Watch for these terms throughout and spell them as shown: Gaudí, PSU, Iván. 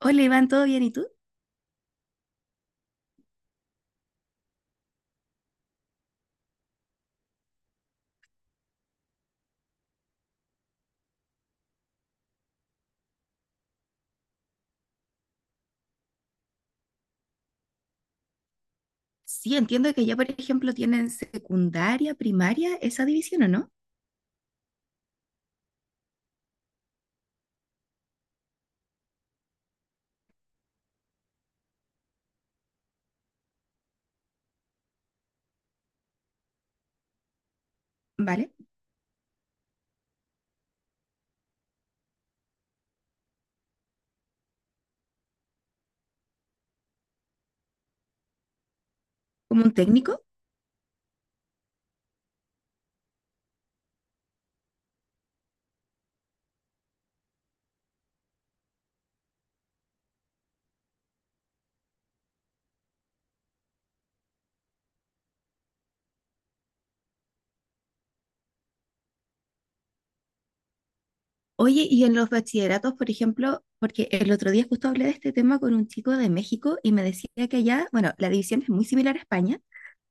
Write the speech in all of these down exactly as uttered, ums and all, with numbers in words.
Hola Iván, ¿todo bien? ¿Y tú? Sí, entiendo que ya, por ejemplo, tienen secundaria, primaria, esa división, ¿o no? ¿Vale? Como un técnico. Oye, y en los bachilleratos, por ejemplo, porque el otro día justo hablé de este tema con un chico de México y me decía que allá, bueno, la división es muy similar a España.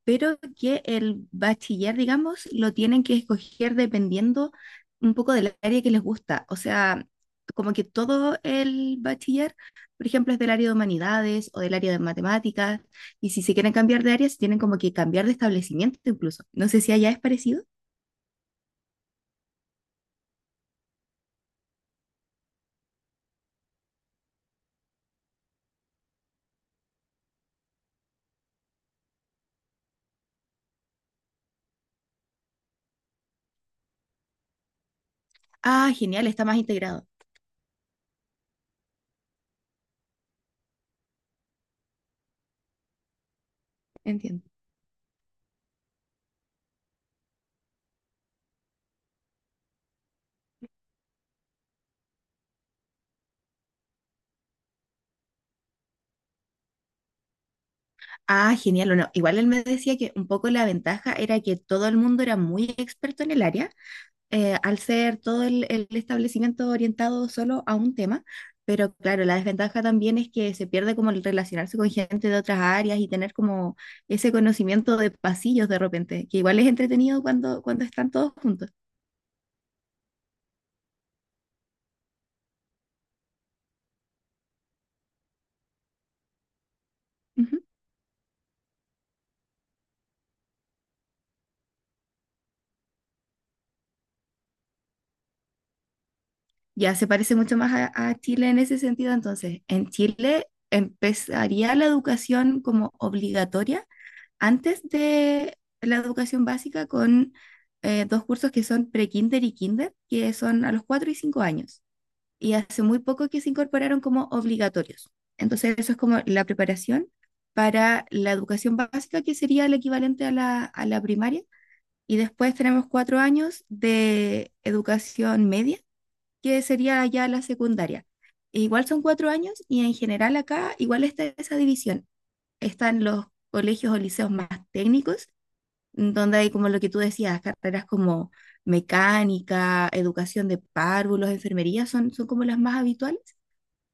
Pero que el bachiller, digamos, lo tienen que escoger dependiendo un poco del área que les gusta. O sea, como que todo el bachiller, por ejemplo, es del área de humanidades o del área de matemáticas, y si se quieren cambiar de área, se tienen como que cambiar de establecimiento incluso. No sé si allá es parecido. Ah, genial, está más integrado. Entiendo. Ah, genial, o no. Igual él me decía que un poco la ventaja era que todo el mundo era muy experto en el área eh, al ser todo el, el establecimiento orientado solo a un tema, pero claro, la desventaja también es que se pierde como el relacionarse con gente de otras áreas y tener como ese conocimiento de pasillos de repente, que igual es entretenido cuando, cuando están todos juntos. Ujú. Ya se parece mucho más a, a Chile en ese sentido, entonces, en Chile empezaría la educación como obligatoria antes de la educación básica con eh, dos cursos que son pre-kinder y kinder, que son a los cuatro y cinco años. Y hace muy poco que se incorporaron como obligatorios. Entonces, eso es como la preparación para la educación básica, que sería el equivalente a la, a la primaria. Y después tenemos cuatro años de educación media, que sería ya la secundaria. Igual son cuatro años y en general acá igual está esa división. Están los colegios o liceos más técnicos donde hay como lo que tú decías, carreras como mecánica, educación de párvulos, enfermería, son, son como las más habituales.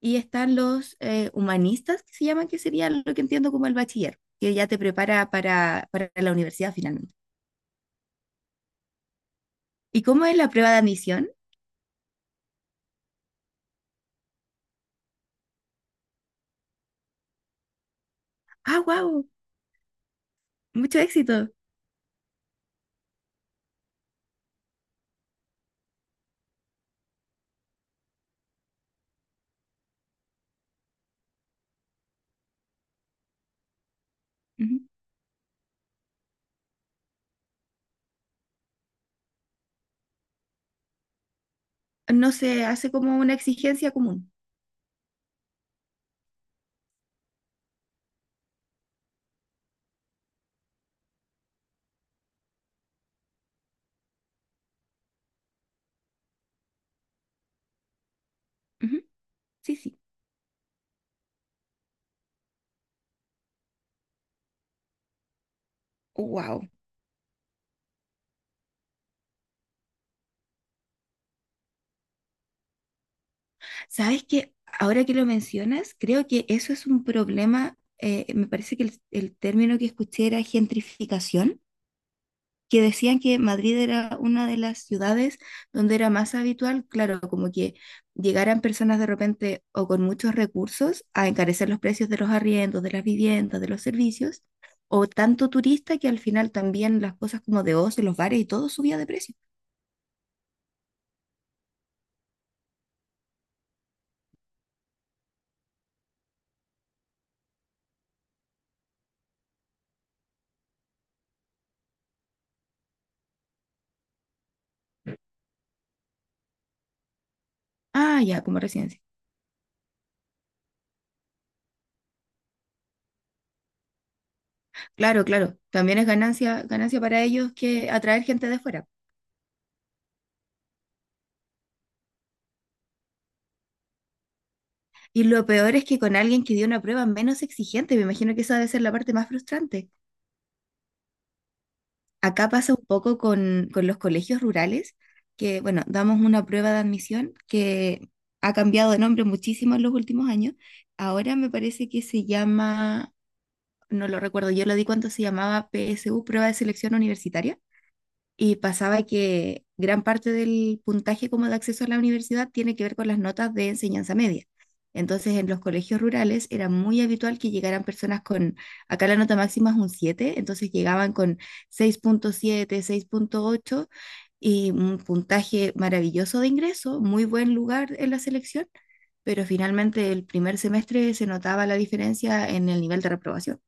Y están los eh, humanistas, que se llaman, que sería lo que entiendo como el bachiller, que ya te prepara para, para la universidad finalmente. ¿Y cómo es la prueba de admisión? Ah, wow, mucho éxito. Ujú. No se hace como una exigencia común. Ujú. Sí, sí. Wow. ¿Sabes qué? Ahora que lo mencionas, creo que eso es un problema. Eh, me parece que el, el término que escuché era gentrificación, que decían que Madrid era una de las ciudades donde era más habitual, claro, como que llegaran personas de repente o con muchos recursos a encarecer los precios de los arriendos, de las viviendas, de los servicios, o tanto turista que al final también las cosas como de ocio, los bares y todo subía de precio. Ah, ya, como residencia. Claro, claro. También es ganancia, ganancia para ellos que atraer gente de fuera. Y lo peor es que con alguien que dio una prueba menos exigente, me imagino que esa debe ser la parte más frustrante. Acá pasa un poco con, con los colegios rurales, que bueno, damos una prueba de admisión que ha cambiado de nombre muchísimo en los últimos años. Ahora me parece que se llama, no lo recuerdo, yo lo di cuando se llamaba P S U, prueba de selección universitaria. Y pasaba que gran parte del puntaje como de acceso a la universidad tiene que ver con las notas de enseñanza media. Entonces, en los colegios rurales era muy habitual que llegaran personas con, acá la nota máxima es un siete, entonces llegaban con seis seis punto siete, seis punto ocho y un puntaje maravilloso de ingreso, muy buen lugar en la selección, pero finalmente el primer semestre se notaba la diferencia en el nivel de reprobación.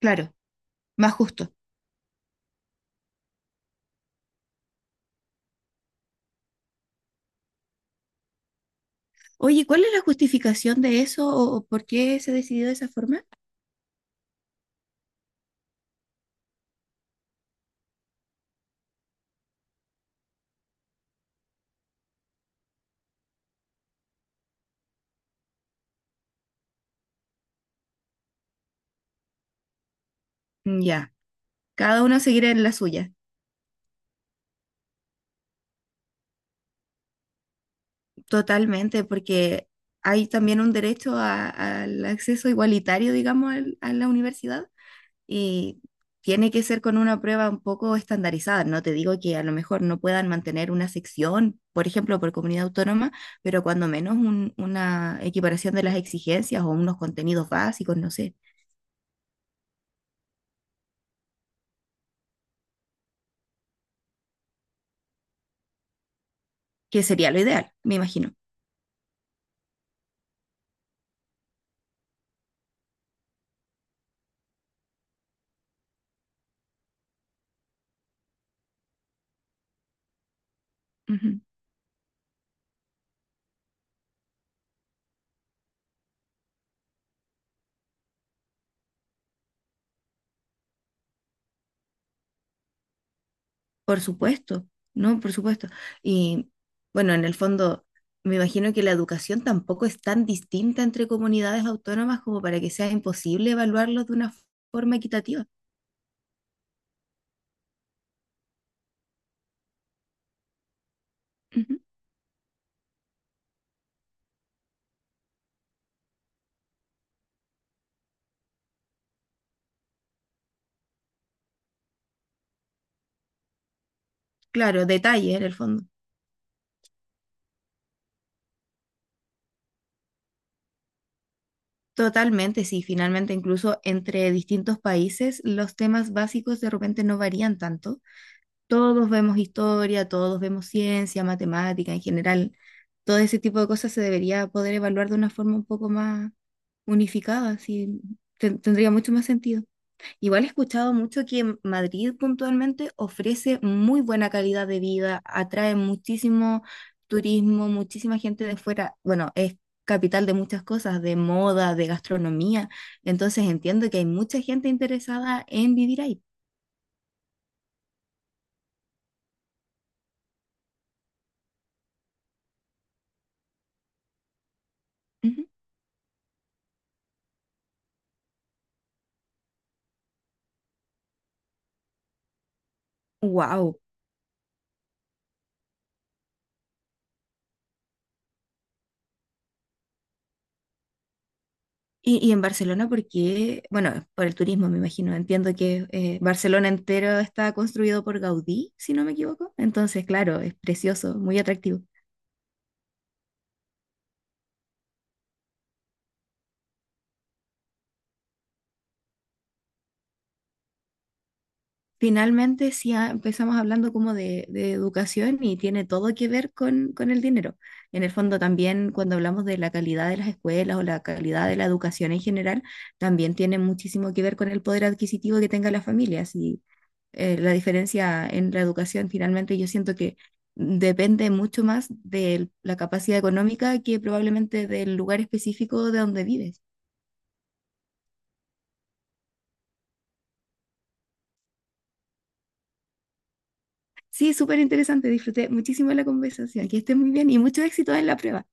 Claro, más justo. Oye, ¿cuál es la justificación de eso o, o por qué se decidió de esa forma? Ya, cada uno seguirá en la suya, totalmente, porque hay también un derecho a- al acceso igualitario, digamos, al- a la universidad y tiene que ser con una prueba un poco estandarizada. No te digo que a lo mejor no puedan mantener una sección, por ejemplo, por comunidad autónoma, pero cuando menos un- una equiparación de las exigencias o unos contenidos básicos, no sé, que sería lo ideal, me imagino. Por supuesto, no, por supuesto. Y bueno, en el fondo, me imagino que la educación tampoco es tan distinta entre comunidades autónomas como para que sea imposible evaluarlos de una forma equitativa. Ujú. Claro, detalle en el fondo. Totalmente, sí, finalmente incluso entre distintos países los temas básicos de repente no varían tanto. Todos vemos historia, todos vemos ciencia, matemática en general. Todo ese tipo de cosas se debería poder evaluar de una forma un poco más unificada, así ten- tendría mucho más sentido. Igual he escuchado mucho que Madrid puntualmente ofrece muy buena calidad de vida, atrae muchísimo turismo, muchísima gente de fuera. Bueno, es capital de muchas cosas, de moda, de gastronomía. Entonces entiendo que hay mucha gente interesada en vivir ahí. Wow. Y, y en Barcelona, porque, bueno, por el turismo, me imagino. Entiendo que eh, Barcelona entero está construido por Gaudí, si no me equivoco. Entonces, claro, es precioso, muy atractivo. Finalmente, sí, ah, empezamos hablando como de, de educación y tiene todo que ver con, con el dinero. En el fondo, también cuando hablamos de la calidad de las escuelas o la calidad de la educación en general, también tiene muchísimo que ver con el poder adquisitivo que tenga la familia. Si eh, la diferencia en la educación finalmente yo siento que depende mucho más de la capacidad económica que probablemente del lugar específico de donde vives. Sí, súper interesante, disfruté muchísimo de la conversación, que estés muy bien y mucho éxito en la prueba.